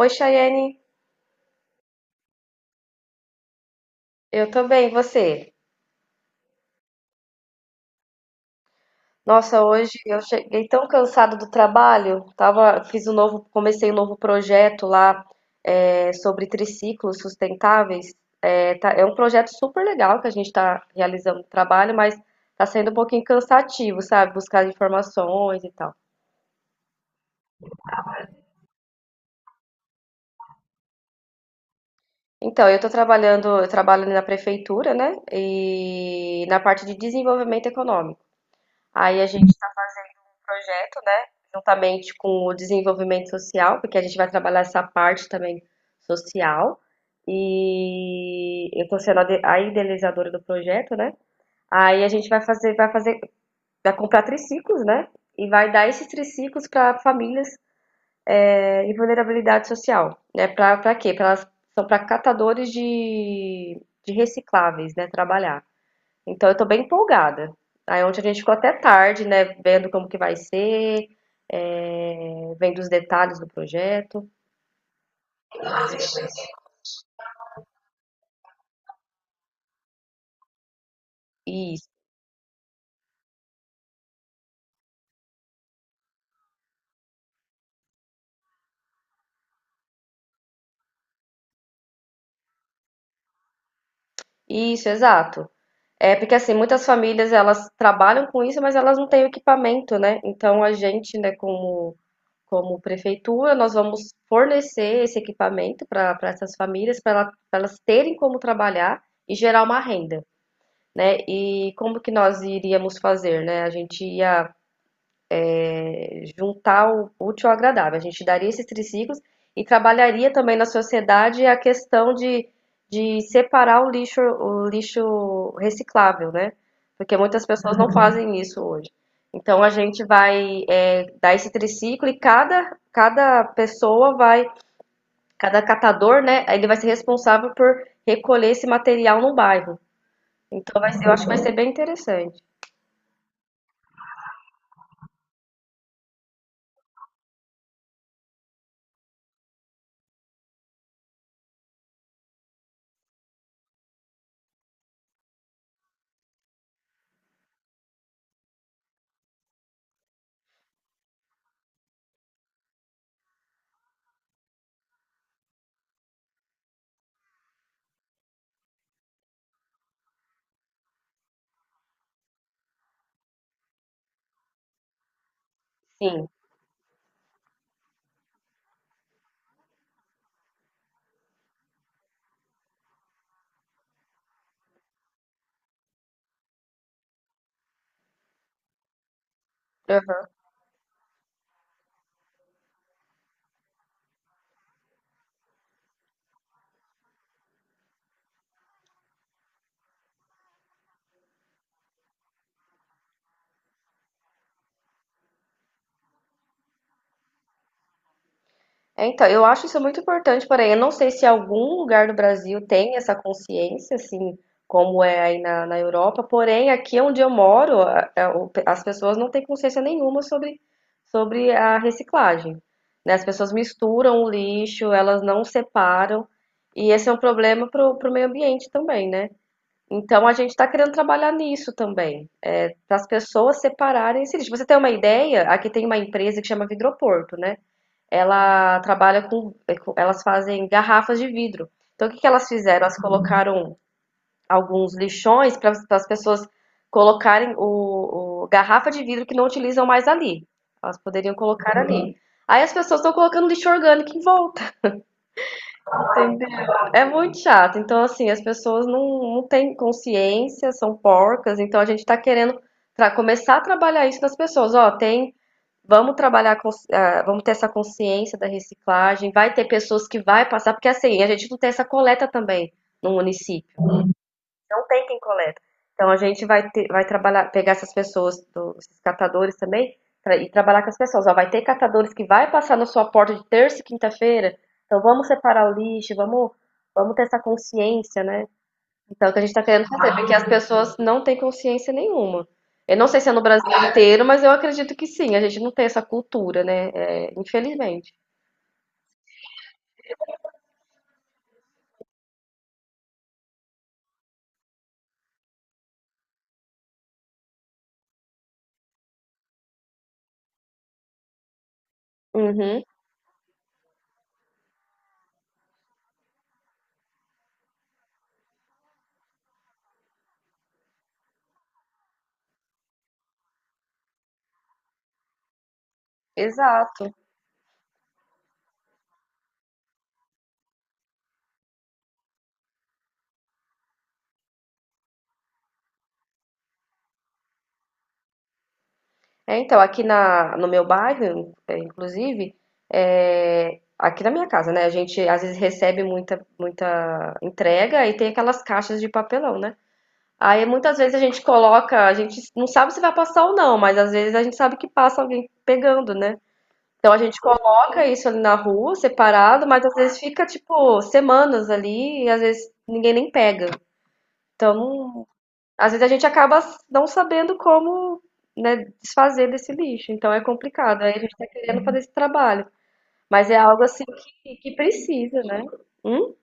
Oi, Chayane. Eu também, você? Nossa, hoje eu cheguei tão cansada do trabalho. Tava, fiz um novo, comecei um novo projeto lá sobre triciclos sustentáveis. É um projeto super legal que a gente está realizando o trabalho, mas está sendo um pouquinho cansativo, sabe? Buscar informações e tal. Então, eu estou trabalhando, eu trabalho na prefeitura, né? E na parte de desenvolvimento econômico. Aí a gente projeto, né? Juntamente com o desenvolvimento social, porque a gente vai trabalhar essa parte também social. E eu estou sendo a idealizadora do projeto, né? Aí a gente vai fazer, vai comprar triciclos, né? E vai dar esses triciclos para famílias em vulnerabilidade social, né? Para quê? Pra elas, são para catadores de recicláveis, né? Trabalhar. Então eu tô bem empolgada. Aí ontem a gente ficou até tarde, né, vendo como que vai ser, vendo os detalhes do projeto. Isso, isso, exato. É porque assim, muitas famílias elas trabalham com isso, mas elas não têm o equipamento, né? Então a gente, né, como prefeitura, nós vamos fornecer esse equipamento para essas famílias, para elas terem como trabalhar e gerar uma renda, né? E como que nós iríamos fazer, né? A gente ia juntar o útil ao agradável. A gente daria esses triciclos e trabalharia também na sociedade a questão de separar o lixo reciclável, né? Porque muitas pessoas não fazem isso hoje. Então a gente vai dar esse triciclo e cada pessoa vai, cada catador, né? Ele vai ser responsável por recolher esse material no bairro. Então vai ser- eu acho que vai ser bem interessante. Sim. É, então, eu acho isso muito importante, porém, eu não sei se algum lugar do Brasil tem essa consciência, assim, como é aí na, na Europa, porém, aqui onde eu moro, as pessoas não têm consciência nenhuma sobre, sobre a reciclagem, né? As pessoas misturam o lixo, elas não separam, e esse é um problema para o meio ambiente também, né? Então, a gente está querendo trabalhar nisso também, para as pessoas separarem esse lixo. Pra Você tem uma ideia? Aqui tem uma empresa que chama Vidroporto, né? Ela trabalha com, elas fazem garrafas de vidro. Então, o que que elas fizeram? Elas colocaram alguns lixões para as pessoas colocarem garrafa de vidro que não utilizam mais ali. Elas poderiam colocar uhum. ali. Aí as pessoas estão colocando lixo orgânico em volta. Entendeu? É muito chato. Então, assim, as pessoas não têm consciência, são porcas. Então, a gente está querendo começar a trabalhar isso nas pessoas. Ó, tem. Vamos trabalhar, com, vamos ter essa consciência da reciclagem. Vai ter pessoas que vai passar, porque assim, a gente não tem essa coleta também no município. Não tem quem coleta. Então a gente vai trabalhar, pegar essas pessoas, esses catadores também, e trabalhar com as pessoas. Ó, vai ter catadores que vai passar na sua porta de terça e quinta-feira. Então vamos separar o lixo, vamos, vamos ter essa consciência, né? Então, o que a gente está querendo fazer, porque as pessoas não têm consciência nenhuma. Eu não sei se é no Brasil inteiro, mas eu acredito que sim. A gente não tem essa cultura, né? É, infelizmente. Uhum, exato. É, então, aqui na, no meu bairro, é, inclusive, é, aqui na minha casa, né? A gente às vezes recebe muita entrega e tem aquelas caixas de papelão, né? Aí muitas vezes a gente coloca, a gente não sabe se vai passar ou não, mas às vezes a gente sabe que passa alguém pegando, né? Então a gente coloca isso ali na rua, separado, mas às vezes fica tipo semanas ali e às vezes ninguém nem pega. Então às vezes a gente acaba não sabendo como, né, desfazer desse lixo, então é complicado. Aí a gente está querendo fazer esse trabalho, mas é algo assim que precisa, né? Hum?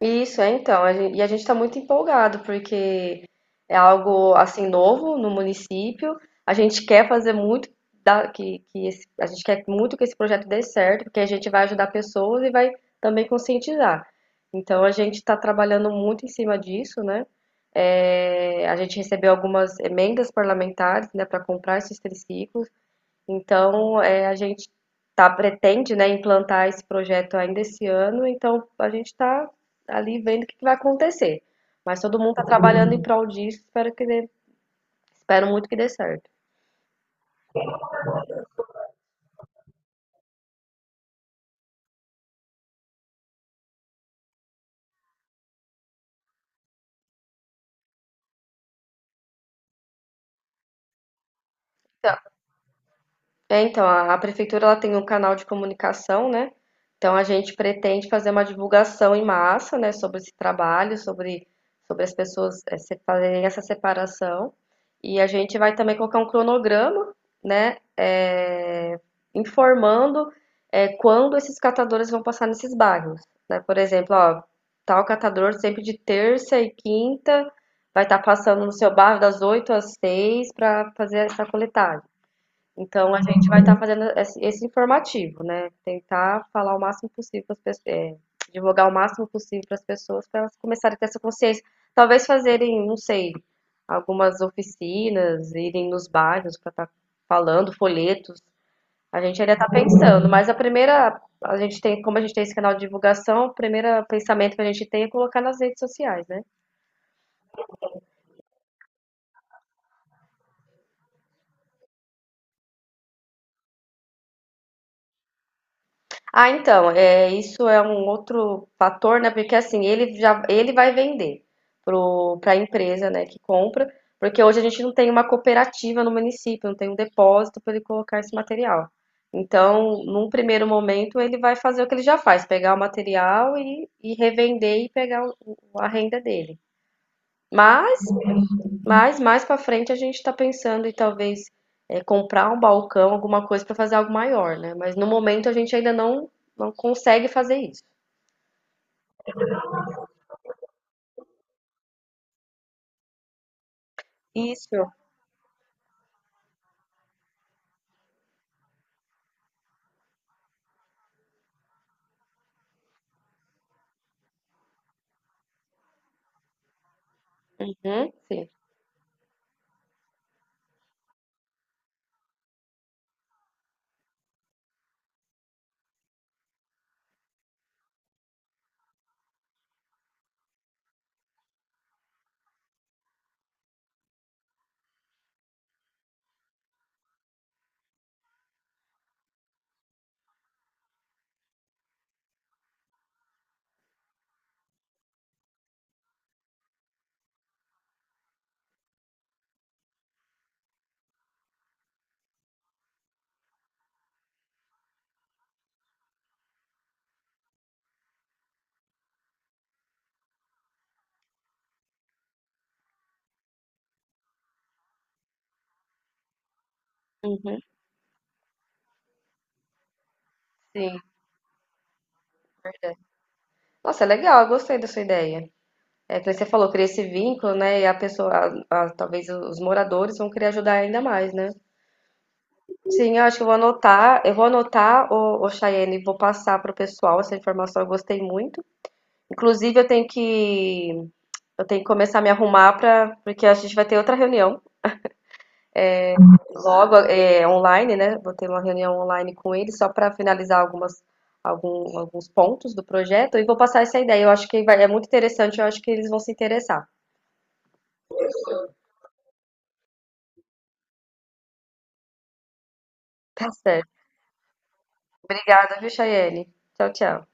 Isso, é então. E a gente está muito empolgado, porque é algo assim novo no município. A gente quer fazer muito a gente quer muito que esse projeto dê certo, porque a gente vai ajudar pessoas e vai também conscientizar. Então a gente está trabalhando muito em cima disso, né? É, a gente recebeu algumas emendas parlamentares, né, para comprar esses triciclos. Então, a gente tá pretende, né, implantar esse projeto ainda esse ano, então a gente está ali vendo o que que vai acontecer. Mas todo mundo está trabalhando em prol disso, espero que dê, espero muito que dê certo. É, então, a prefeitura ela tem um canal de comunicação, né? Então a gente pretende fazer uma divulgação em massa, né, sobre esse trabalho, sobre, sobre as pessoas fazerem essa separação. E a gente vai também colocar um cronograma, né, informando quando esses catadores vão passar nesses bairros. Né? Por exemplo, ó, tal catador sempre de terça e quinta vai estar passando no seu bairro das 8 às 6 para fazer essa coletagem. Então, a gente vai estar fazendo esse informativo, né? Tentar falar o máximo possível para as pessoas, é, divulgar o máximo possível para as pessoas, para elas começarem a ter essa consciência. Talvez fazerem, não sei, algumas oficinas, irem nos bairros para estar falando, folhetos. A gente ainda está pensando, mas a primeira, a gente tem, como a gente tem esse canal de divulgação, o primeiro pensamento que a gente tem é colocar nas redes sociais, né? Ah, então, é, isso é um outro fator, né? Porque assim, ele vai vender para a empresa, né, que compra, porque hoje a gente não tem uma cooperativa no município, não tem um depósito para ele colocar esse material. Então, num primeiro momento, ele vai fazer o que ele já faz, pegar o material e revender e pegar a renda dele. Mas mais para frente a gente está pensando em talvez comprar um balcão, alguma coisa para fazer algo maior, né? Mas no momento a gente ainda não, não consegue fazer isso. Isso. Uhum, sim. Uhum, sim. Verdade. Nossa, é legal, eu gostei da sua ideia. É que você falou, cria esse vínculo, né? E a pessoa, talvez os moradores vão querer ajudar ainda mais, né? Sim, eu acho que eu vou anotar o Chayenne, vou passar para o pessoal essa informação, eu gostei muito. Inclusive, eu tenho que Eu tenho que começar a me arrumar para, porque a gente vai ter outra reunião logo, é, online, né? Vou ter uma reunião online com ele só para finalizar algumas, um, alguns pontos do projeto e vou passar essa ideia. Eu acho que vai, é muito interessante, eu acho que eles vão se interessar. Tá certo. Obrigada, viu, Chayane? Tchau, tchau.